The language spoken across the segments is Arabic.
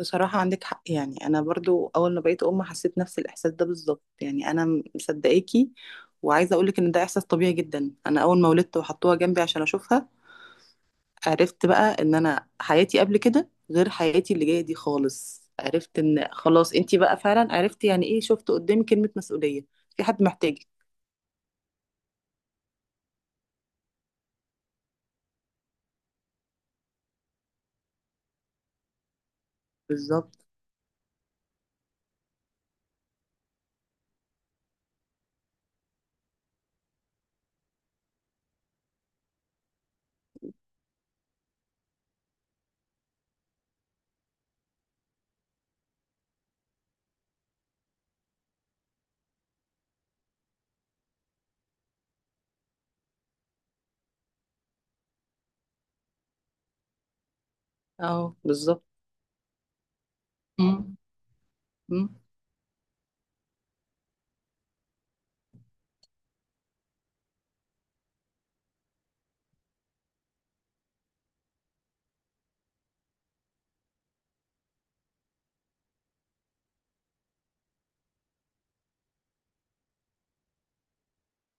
بصراحة عندك حق. يعني أنا برضو أول ما بقيت أم حسيت نفس الإحساس ده بالظبط، يعني أنا مصدقاكي، وعايزة أقولك إن ده إحساس طبيعي جدا. أنا أول ما ولدت وحطوها جنبي عشان أشوفها عرفت بقى إن أنا حياتي قبل كده غير حياتي اللي جاية دي خالص. عرفت إن خلاص أنتي بقى فعلا، عرفت يعني إيه، شفت قدامي كلمة مسؤولية. في حد محتاجك. بالظبط. أه بالظبط. مم. مم.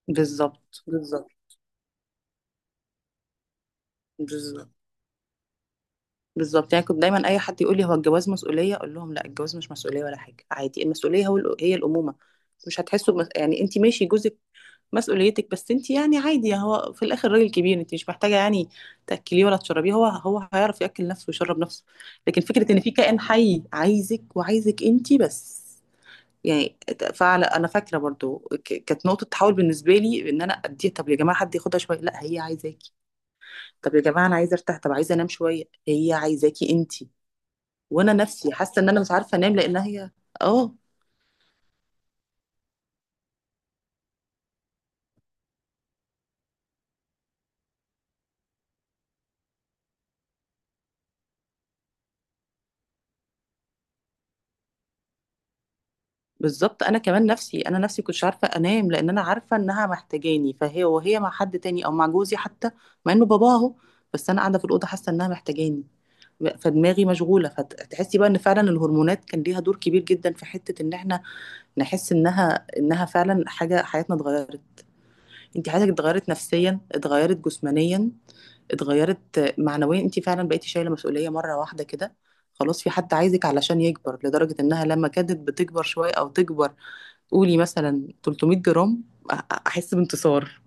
بالظبط بالظبط. بالظبط بالظبط، يعني كنت دايما اي حد يقول لي هو الجواز مسؤوليه، اقول لهم لا، الجواز مش مسؤوليه ولا حاجه، عادي. المسؤوليه هي الامومه. مش هتحسوا بمس... يعني انت ماشي، جوزك مسؤوليتك، بس انت يعني عادي، يعني هو في الاخر راجل كبير، انت مش محتاجه يعني تاكليه ولا تشربيه، هو هيعرف ياكل نفسه ويشرب نفسه. لكن فكره ان في كائن حي عايزك، وعايزك انت بس يعني. فعلا انا فاكره برضو، كانت نقطه تحول بالنسبه لي. ان انا اديها، طب يا جماعه حد ياخدها شويه، لا هي عايزاكي. طب يا جماعه انا عايزه ارتاح، طب عايزه انام شويه، هي عايزاكي انت. وانا نفسي حاسه ان انا مش عارفه انام لان هي. اه. بالظبط، انا كمان نفسي، انا نفسي كنتش عارفه انام لان انا عارفه انها محتاجاني، فهي وهي مع حد تاني او مع جوزي حتى، مع انه بابا اهو، بس انا قاعده في الاوضه حاسه انها محتاجاني، فدماغي مشغوله. فتحسي بقى ان فعلا الهرمونات كان ليها دور كبير جدا في حته ان احنا نحس انها فعلا حاجه حياتنا اتغيرت. انت حياتك اتغيرت، نفسيا اتغيرت، جسمانيا اتغيرت، معنويا. انت فعلا بقيتي شايله مسؤوليه مره واحده كده، خلاص في حد عايزك علشان يكبر، لدرجه انها لما كانت بتكبر شويه او تكبر، قولي مثلا 300 جرام، أ- احس بانتصار،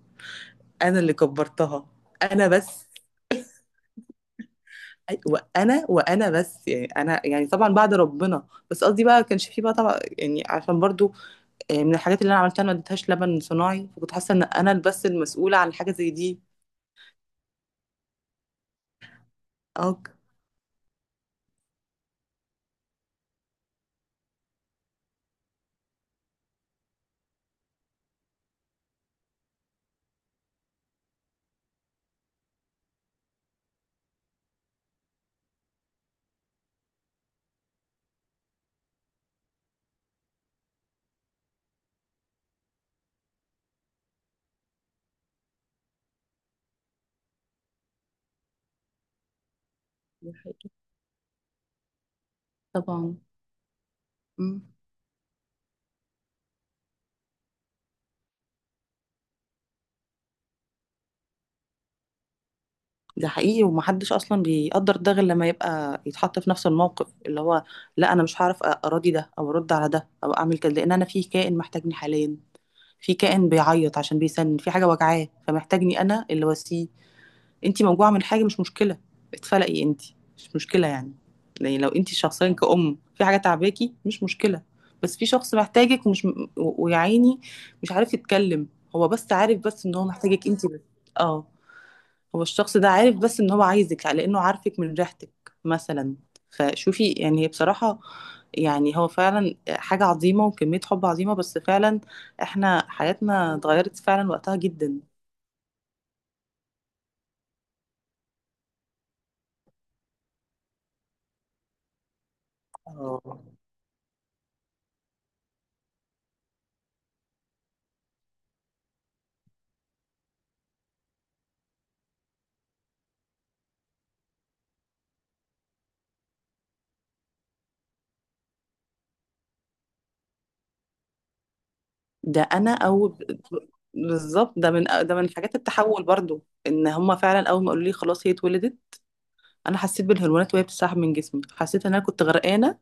انا اللي كبرتها. انا بس، وانا بس، يعني انا يعني طبعا بعد ربنا، بس قصدي بقى كانش فيه بقى طبعا يعني عشان برضو. آه، من الحاجات اللي انا عملتها، انا ما اديتهاش لبن صناعي، فكنت حاسه ان انا بس المسؤوله عن حاجه زي دي. اه. طبعا. مم. ده حقيقي، ومحدش اصلا بيقدر ده غير لما يبقى يتحط في نفس الموقف. اللي هو لا، انا مش هعرف اراضي ده او ارد على ده او اعمل كده، لان انا في كائن محتاجني حاليا، في كائن بيعيط عشان بيسن في حاجه وجعاه فمحتاجني، انا اللي واسيه. انتي موجوعه من حاجه مش مشكله، اتفلقي انتي مش مشكله يعني، يعني لو انتي شخصيا كأم في حاجه تعباكي مش مشكله، بس في شخص محتاجك، ويا عيني مش عارف يتكلم، هو بس عارف بس ان هو محتاجك انتي بس. اه. هو الشخص ده عارف بس ان هو عايزك، لانه عارفك من ريحتك مثلا. فشوفي يعني، هي بصراحه يعني هو فعلا حاجه عظيمه وكميه حب عظيمه، بس فعلا احنا حياتنا اتغيرت فعلا وقتها جدا. اه. ده انا او ب- بالظبط، ده من ده من حاجات التحول برضو، ان هما فعلا اول ما قالوا لي خلاص هي اتولدت، انا حسيت بالهرمونات وهي بتسحب من جسمي، حسيت ان انا كنت غرقانه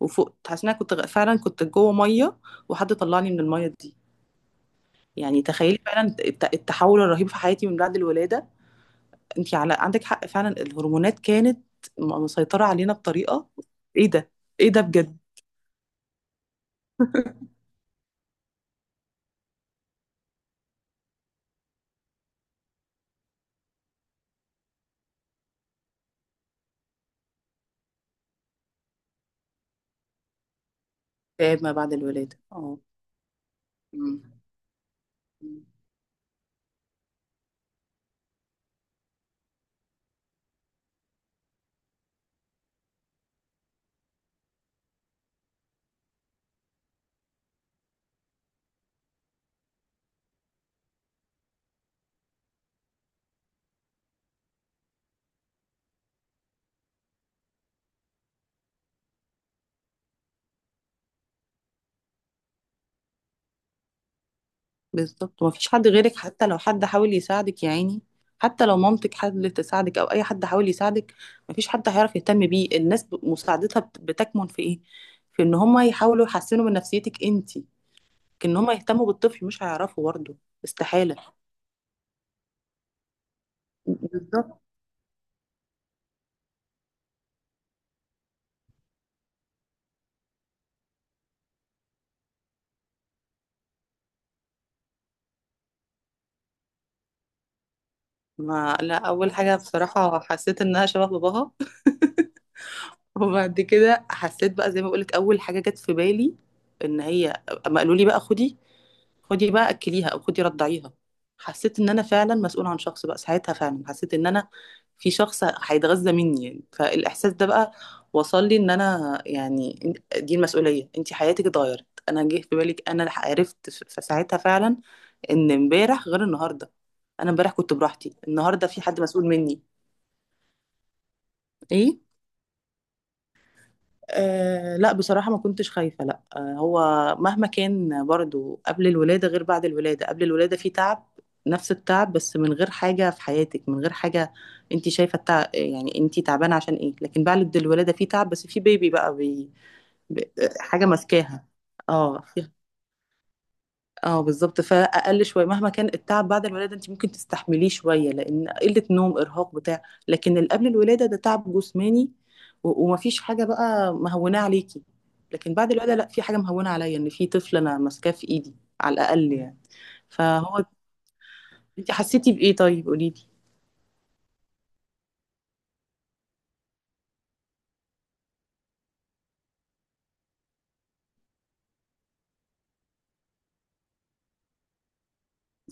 وفقت، حسيت ان انا فعلا كنت جوه ميه وحد طلعني من الميه دي. يعني تخيلي فعلا التحول الرهيب في حياتي من بعد الولاده. انت على عندك حق، فعلا الهرمونات كانت مسيطره علينا بطريقه. ايه ده، ايه ده بجد. اكتئاب ما بعد الولاده اه. مم. بالظبط، مفيش حد غيرك، حتى لو حد حاول يساعدك يا عيني، حتى لو مامتك حاولت تساعدك او اي حد حاول يساعدك، مفيش حد هيعرف يهتم بيه. الناس مساعدتها بتكمن في ايه، في ان هم يحاولوا يحسنوا من نفسيتك انتي، لكن ان هم يهتموا بالطفل مش هيعرفوا برضه. استحالة. بالظبط. ما لا، اول حاجة بصراحة حسيت انها شبه باباها وبعد كده حسيت بقى زي ما بقولك اول حاجة جت في بالي ان هي، اما قالوا لي بقى خدي، خدي بقى اكليها او خدي رضعيها، حسيت ان انا فعلا مسؤولة عن شخص بقى. ساعتها فعلا حسيت ان انا في شخص هيتغذى مني يعني، فالاحساس ده بقى وصل لي ان انا يعني دي المسؤولية. انت حياتك اتغيرت، انا جه في بالك انا عرفت ساعتها فعلا ان امبارح غير النهاردة، انا امبارح كنت براحتي، النهاردة في حد مسؤول مني. ايه. أه لا، بصراحة ما كنتش خايفة، لا. أه هو مهما كان برضو قبل الولادة غير بعد الولادة، قبل الولادة في تعب، نفس التعب بس من غير حاجة في حياتك، من غير حاجة انت شايفة التعب، يعني انت تعبانة عشان ايه، لكن بعد الولادة في تعب بس في بيبي بقى بي... حاجة ماسكاها. اه. اه بالظبط، فاقل شويه مهما كان التعب بعد الولاده، انت ممكن تستحمليه شويه، لان قله نوم ارهاق بتاع، لكن اللي قبل الولاده ده تعب جسماني ومفيش حاجه بقى مهونه عليكي، لكن بعد الولاده لا، في حاجه مهونه عليا ان في طفل انا ماسكاه في ايدي على الاقل يعني. فهو انت حسيتي بايه طيب قولي لي.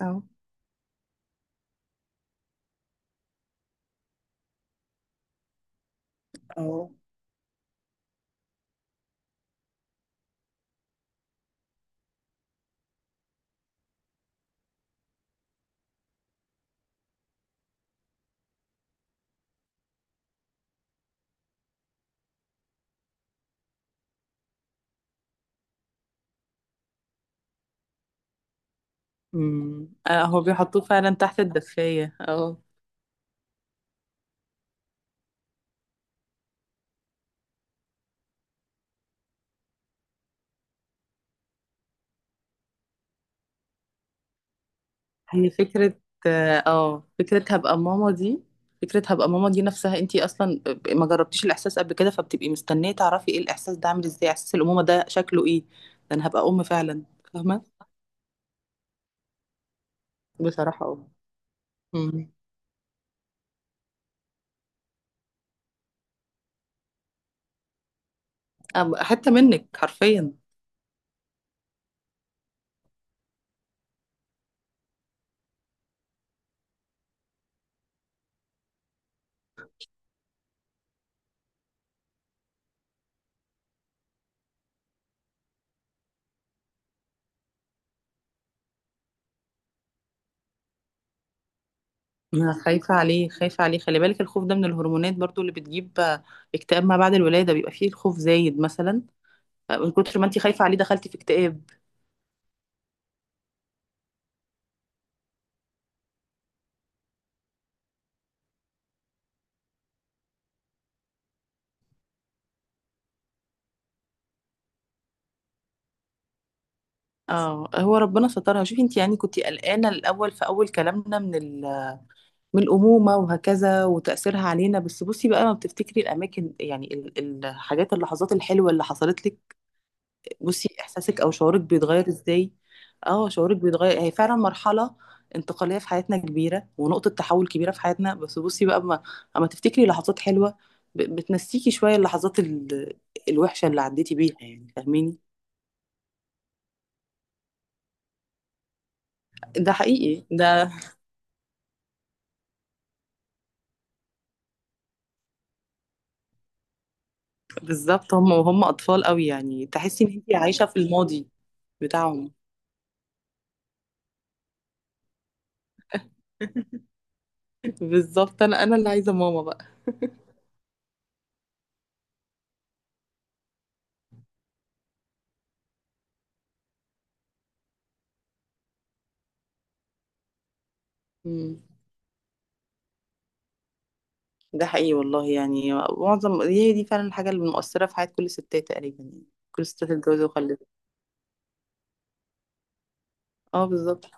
اه. اه. امم، اه هو بيحطوه فعلا تحت الدفايه اه. هي فكرة، اه. آه، فكرة هبقى ماما دي، فكرة هبقى ماما دي نفسها، انتي اصلا ما جربتيش الاحساس قبل كده، فبتبقي مستنية تعرفي ايه الاحساس ده عامل ازاي، احساس الامومة ده شكله ايه، ده انا هبقى ام فعلا. فاهمة. بصراحة اه. أمم. أبقى حتة منك حرفيا. أنا خايفة عليه، خايفة عليه، خلي بالك الخوف ده من الهرمونات برضو اللي بتجيب آه، اكتئاب ما بعد الولادة، بيبقى فيه الخوف زايد مثلا. آه، من كتر ما انتي خايفة عليه دخلتي في اكتئاب. اه. هو ربنا سترها. شوفي انتي يعني كنتي قلقانة الاول في اول كلامنا من من الأمومة وهكذا وتأثيرها علينا، بس بصي بقى لما بتفتكري الأماكن يعني الحاجات، اللحظات الحلوة اللي حصلت لك، بصي إحساسك أو شعورك بيتغير إزاي. اه شعورك بيتغير، هي فعلا مرحلة انتقالية في حياتنا كبيرة ونقطة تحول كبيرة في حياتنا، بس بصي بقى أما، أما تفتكري لحظات حلوة بتنسيكي شوية اللحظات الوحشة اللي عديتي بيها يعني، فاهميني. ده حقيقي ده. بالظبط، هم وهم أطفال قوي يعني، تحسي إن أنت عايشة في الماضي بتاعهم. بالضبط، أنا اللي عايزة ماما بقى. إمم. ده حقيقي والله، يعني معظم، هي دي فعلًا الحاجة المؤثّرة في حياة كل الستات تقريبًا يعني، كل الستات اتجوزوا وخلّفوا. آه بالضبط.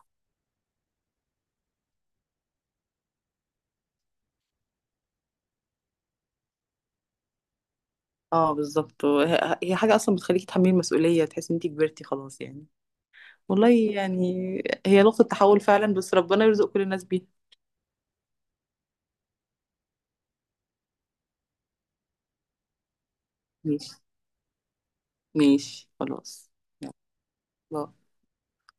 آه بالضبط، وه هي حاجة أصلًا بتخلّيكِ تتحمّلي المسؤولية، تحسّي إن أنتِ كبرتِ خلاص يعني. والله يعني، هي نقطة تحوّل فعلًا، بس ربنا يرزق كل الناس بيها. ماشي، ماشي خلاص، يالّا باي.